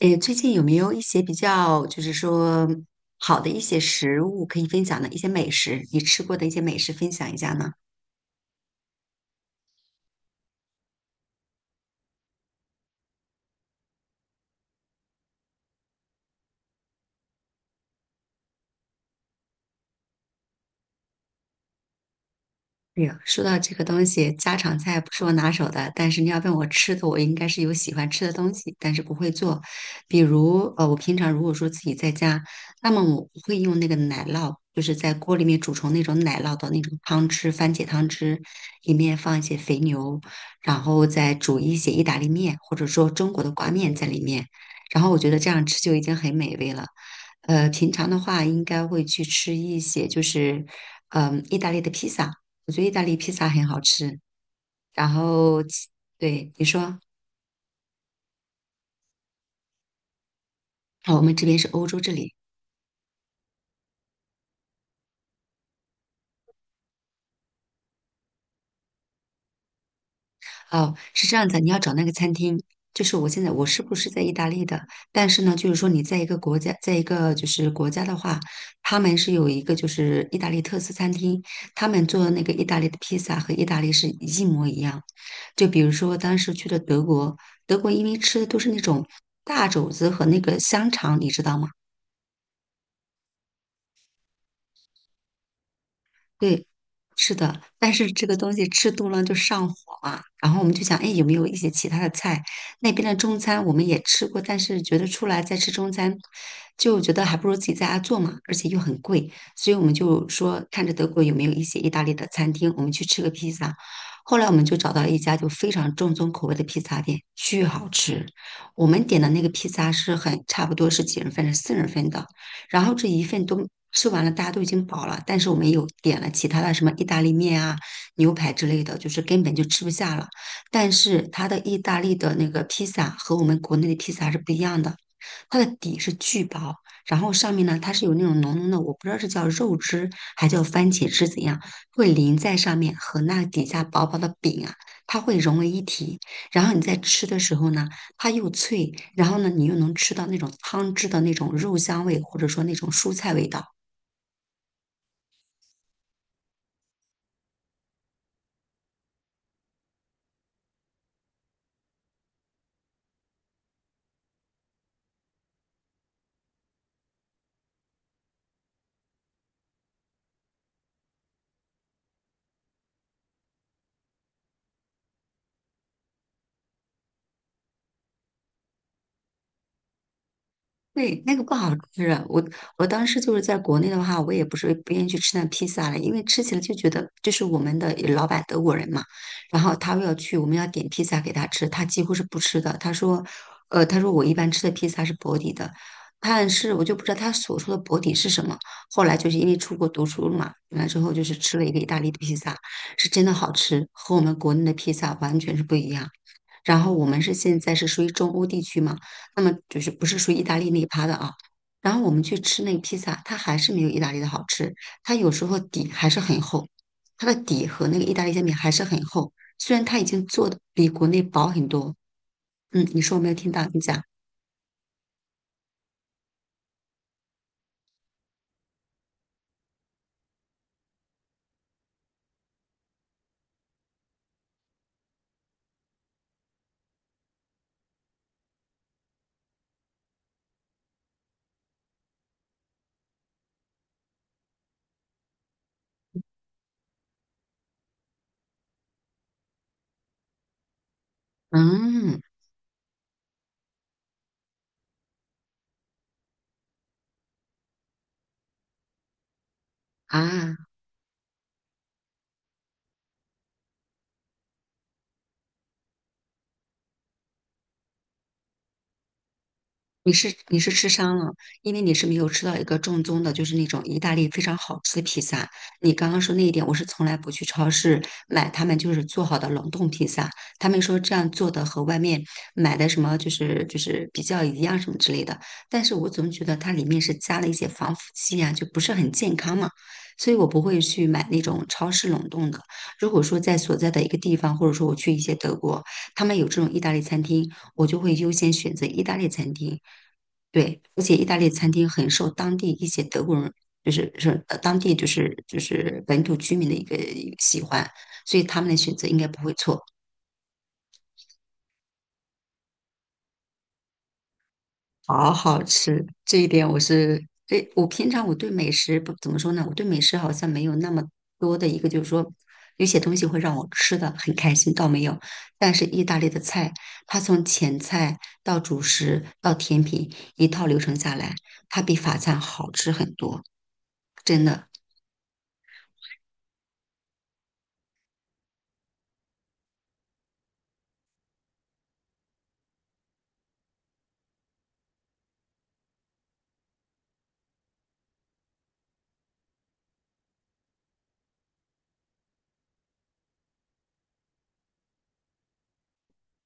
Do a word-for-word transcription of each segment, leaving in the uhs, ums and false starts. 诶，最近有没有一些比较，就是说好的一些食物可以分享的一些美食，你吃过的一些美食分享一下呢？哎呀，说到这个东西，家常菜不是我拿手的，但是你要问我吃的，我应该是有喜欢吃的东西，但是不会做。比如，呃，我平常如果说自己在家，那么我会用那个奶酪，就是在锅里面煮成那种奶酪的那种汤汁，番茄汤汁，里面放一些肥牛，然后再煮一些意大利面，或者说中国的挂面在里面，然后我觉得这样吃就已经很美味了。呃，平常的话应该会去吃一些，就是，嗯，意大利的披萨。我觉得意大利披萨很好吃。然后对你说，哦，我们这边是欧洲这里，哦，是这样子，你要找那个餐厅，就是我现在我是不是在意大利的？但是呢，就是说你在一个国家，在一个就是国家的话，他们是有一个就是意大利特色餐厅，他们做的那个意大利的披萨和意大利是一模一样。就比如说当时去了德国，德国因为吃的都是那种大肘子和那个香肠，你知道吗？对，是的，但是这个东西吃多了就上火嘛。然后我们就想，哎，有没有一些其他的菜？那边的中餐我们也吃过，但是觉得出来再吃中餐，就觉得还不如自己在家做嘛，而且又很贵，所以我们就说，看着德国有没有一些意大利的餐厅，我们去吃个披萨。后来我们就找到了一家就非常正宗口味的披萨店，巨好吃。我们点的那个披萨是很差不多是几人份，是四人份的。然后这一份都吃完了，大家都已经饱了，但是我们有点了其他的什么意大利面啊、牛排之类的，就是根本就吃不下了。但是它的意大利的那个披萨和我们国内的披萨是不一样的，它的底是巨薄，然后上面呢它是有那种浓浓的，我不知道是叫肉汁还叫番茄汁怎样，会淋在上面和那底下薄薄的饼啊，它会融为一体。然后你在吃的时候呢，它又脆，然后呢，你又能吃到那种汤汁的那种肉香味，或者说那种蔬菜味道，对，那个不好吃。我我当时就是在国内的话，我也不是不愿意去吃那披萨了，因为吃起来就觉得，就是我们的老板德国人嘛，然后他要去，我们要点披萨给他吃，他几乎是不吃的。他说，呃，他说我一般吃的披萨是薄底的，但是我就不知道他所说的薄底是什么。后来就是因为出国读书了嘛，完了之后就是吃了一个意大利的披萨，是真的好吃，和我们国内的披萨完全是不一样。然后我们是现在是属于中欧地区嘛。那么就是不是属于意大利那一趴的啊。然后我们去吃那个披萨，它还是没有意大利的好吃，它有时候底还是很厚，它的底和那个意大利煎饼还是很厚，虽然它已经做的比国内薄很多。嗯，你说我没有听到，你讲，嗯啊。你是你是吃伤了，因为你是没有吃到一个正宗的，就是那种意大利非常好吃的披萨。你刚刚说那一点，我是从来不去超市买他们就是做好的冷冻披萨，他们说这样做的和外面买的什么就是就是比较一样什么之类的。但是我总觉得它里面是加了一些防腐剂啊，就不是很健康嘛，所以我不会去买那种超市冷冻的。如果说在所在的一个地方，或者说我去一些德国，他们有这种意大利餐厅。我就会优先选择意大利餐厅。对，而且意大利餐厅很受当地一些德国人，就是是呃当地就是就是本土居民的一个喜欢，所以他们的选择应该不会错。好好吃，这一点我是，诶，我平常我对美食不怎么说呢，我对美食好像没有那么多的一个，就是说有些东西会让我吃的很开心，倒没有。但是意大利的菜，它从前菜到主食到甜品一套流程下来，它比法餐好吃很多，真的。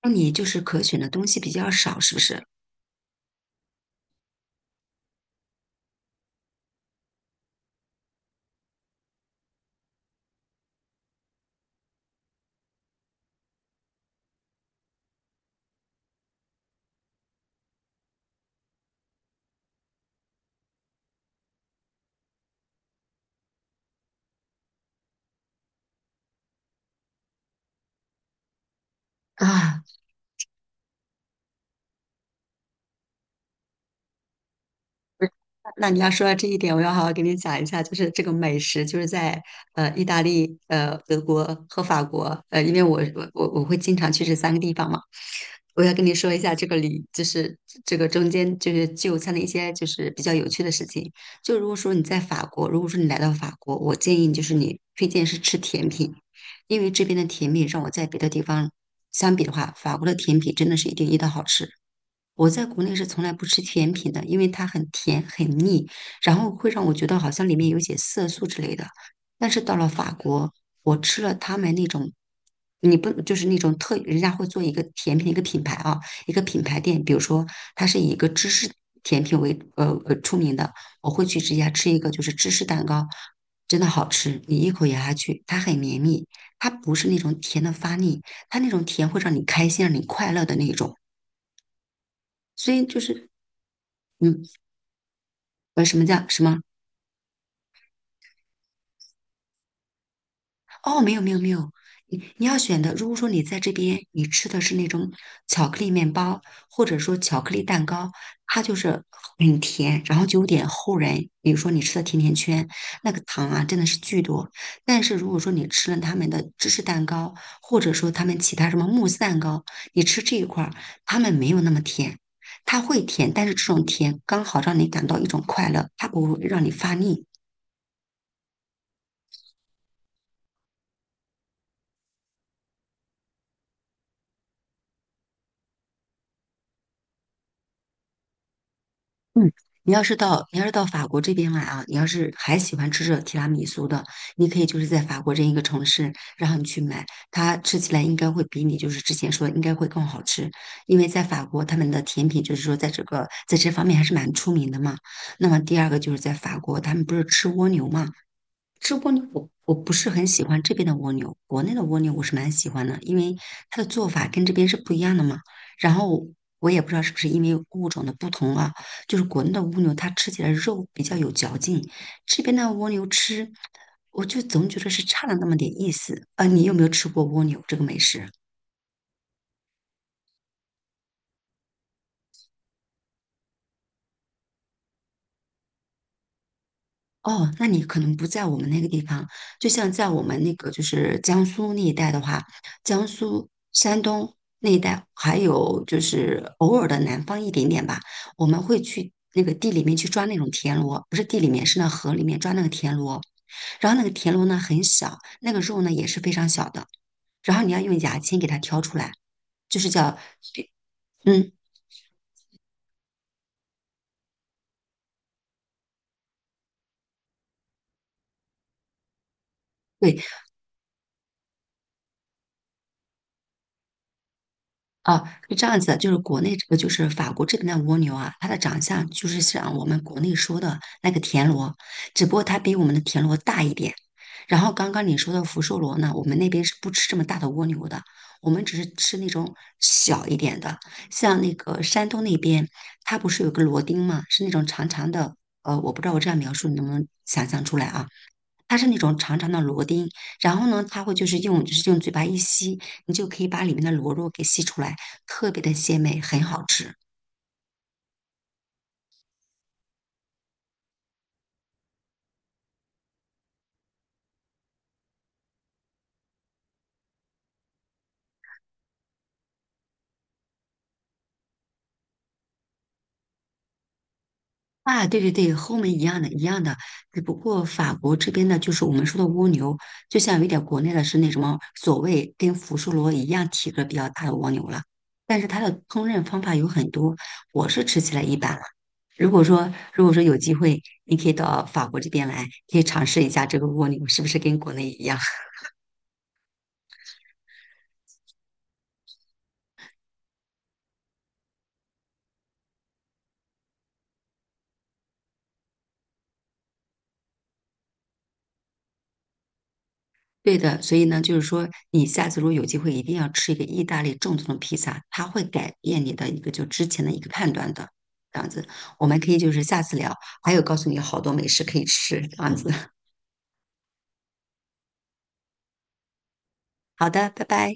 那你就是可选的东西比较少，是不是？啊，不是，那你要说到这一点，我要好好给你讲一下，就是这个美食，就是在呃意大利、呃德国和法国，呃，因为我我我我会经常去这三个地方嘛，我要跟你说一下这个里，就是这个中间就是就餐的一些就是比较有趣的事情。就如果说你在法国，如果说你来到法国，我建议就是你推荐是吃甜品，因为这边的甜品让我在别的地方相比的话，法国的甜品真的是一点一的好吃。我在国内是从来不吃甜品的，因为它很甜很腻，然后会让我觉得好像里面有些色素之类的。但是到了法国，我吃了他们那种，你不就是那种特，人家会做一个甜品的一个品牌啊，一个品牌店，比如说它是以一个芝士甜品为呃呃出名的，我会去直接吃一个就是芝士蛋糕，真的好吃，你一口咬下去，它很绵密，它不是那种甜的发腻，它那种甜会让你开心，让你快乐的那种。所以就是嗯，呃，什么叫什么？哦，没有没有没有，你你要选的，如果说你在这边你吃的是那种巧克力面包，或者说巧克力蛋糕，它就是很甜，然后就有点齁人。比如说你吃的甜甜圈，那个糖啊真的是巨多。但是如果说你吃了他们的芝士蛋糕，或者说他们其他什么慕斯蛋糕，你吃这一块儿，他们没有那么甜。它会甜，但是这种甜刚好让你感到一种快乐，它不会让你发腻。嗯，你要是到你要是到法国这边来啊，你要是还喜欢吃这提拉米苏的，你可以就是在法国这一个城市，然后你去买，它吃起来应该会比你就是之前说的应该会更好吃，因为在法国他们的甜品就是说在这个在这方面还是蛮出名的嘛。那么第二个就是在法国，他们不是吃蜗牛嘛，吃蜗牛我我不是很喜欢这边的蜗牛，国内的蜗牛我是蛮喜欢的，因为它的做法跟这边是不一样的嘛。然后我也不知道是不是因为物种的不同啊，就是国内的蜗牛它吃起来肉比较有嚼劲，这边的蜗牛吃我就总觉得是差了那么点意思。呃，你有没有吃过蜗牛这个美食？哦，那你可能不在我们那个地方，就像在我们那个就是江苏那一带的话，江苏、山东那一带，还有就是偶尔的南方一点点吧，我们会去那个地里面去抓那种田螺，不是地里面，是那河里面抓那个田螺，然后那个田螺呢很小，那个肉呢也是非常小的，然后你要用牙签给它挑出来，就是叫，嗯，对，啊，是这样子的，就是国内这个就是法国这边的蜗牛啊，它的长相就是像我们国内说的那个田螺，只不过它比我们的田螺大一点。然后刚刚你说的福寿螺呢，我们那边是不吃这么大的蜗牛的，我们只是吃那种小一点的。像那个山东那边，它不是有个螺钉吗？是那种长长的，呃，我不知道我这样描述你能不能想象出来啊？它是那种长长的螺钉，然后呢，它会就是用就是用嘴巴一吸，你就可以把里面的螺肉给吸出来，特别的鲜美，很好吃。啊，对对对，和我们一样的，一样的，只不过法国这边的就是我们说的蜗牛，就像有点国内的是那什么所谓跟福寿螺一样体格比较大的蜗牛了，但是它的烹饪方法有很多，我是吃起来一般了。如果说如果说有机会，你可以到法国这边来，可以尝试一下这个蜗牛是不是跟国内一样。对的，所以呢，就是说，你下次如果有机会，一定要吃一个意大利正宗的披萨，它会改变你的一个就之前的一个判断的。这样子，我们可以就是下次聊，还有告诉你好多美食可以吃，这样子。好的，拜拜。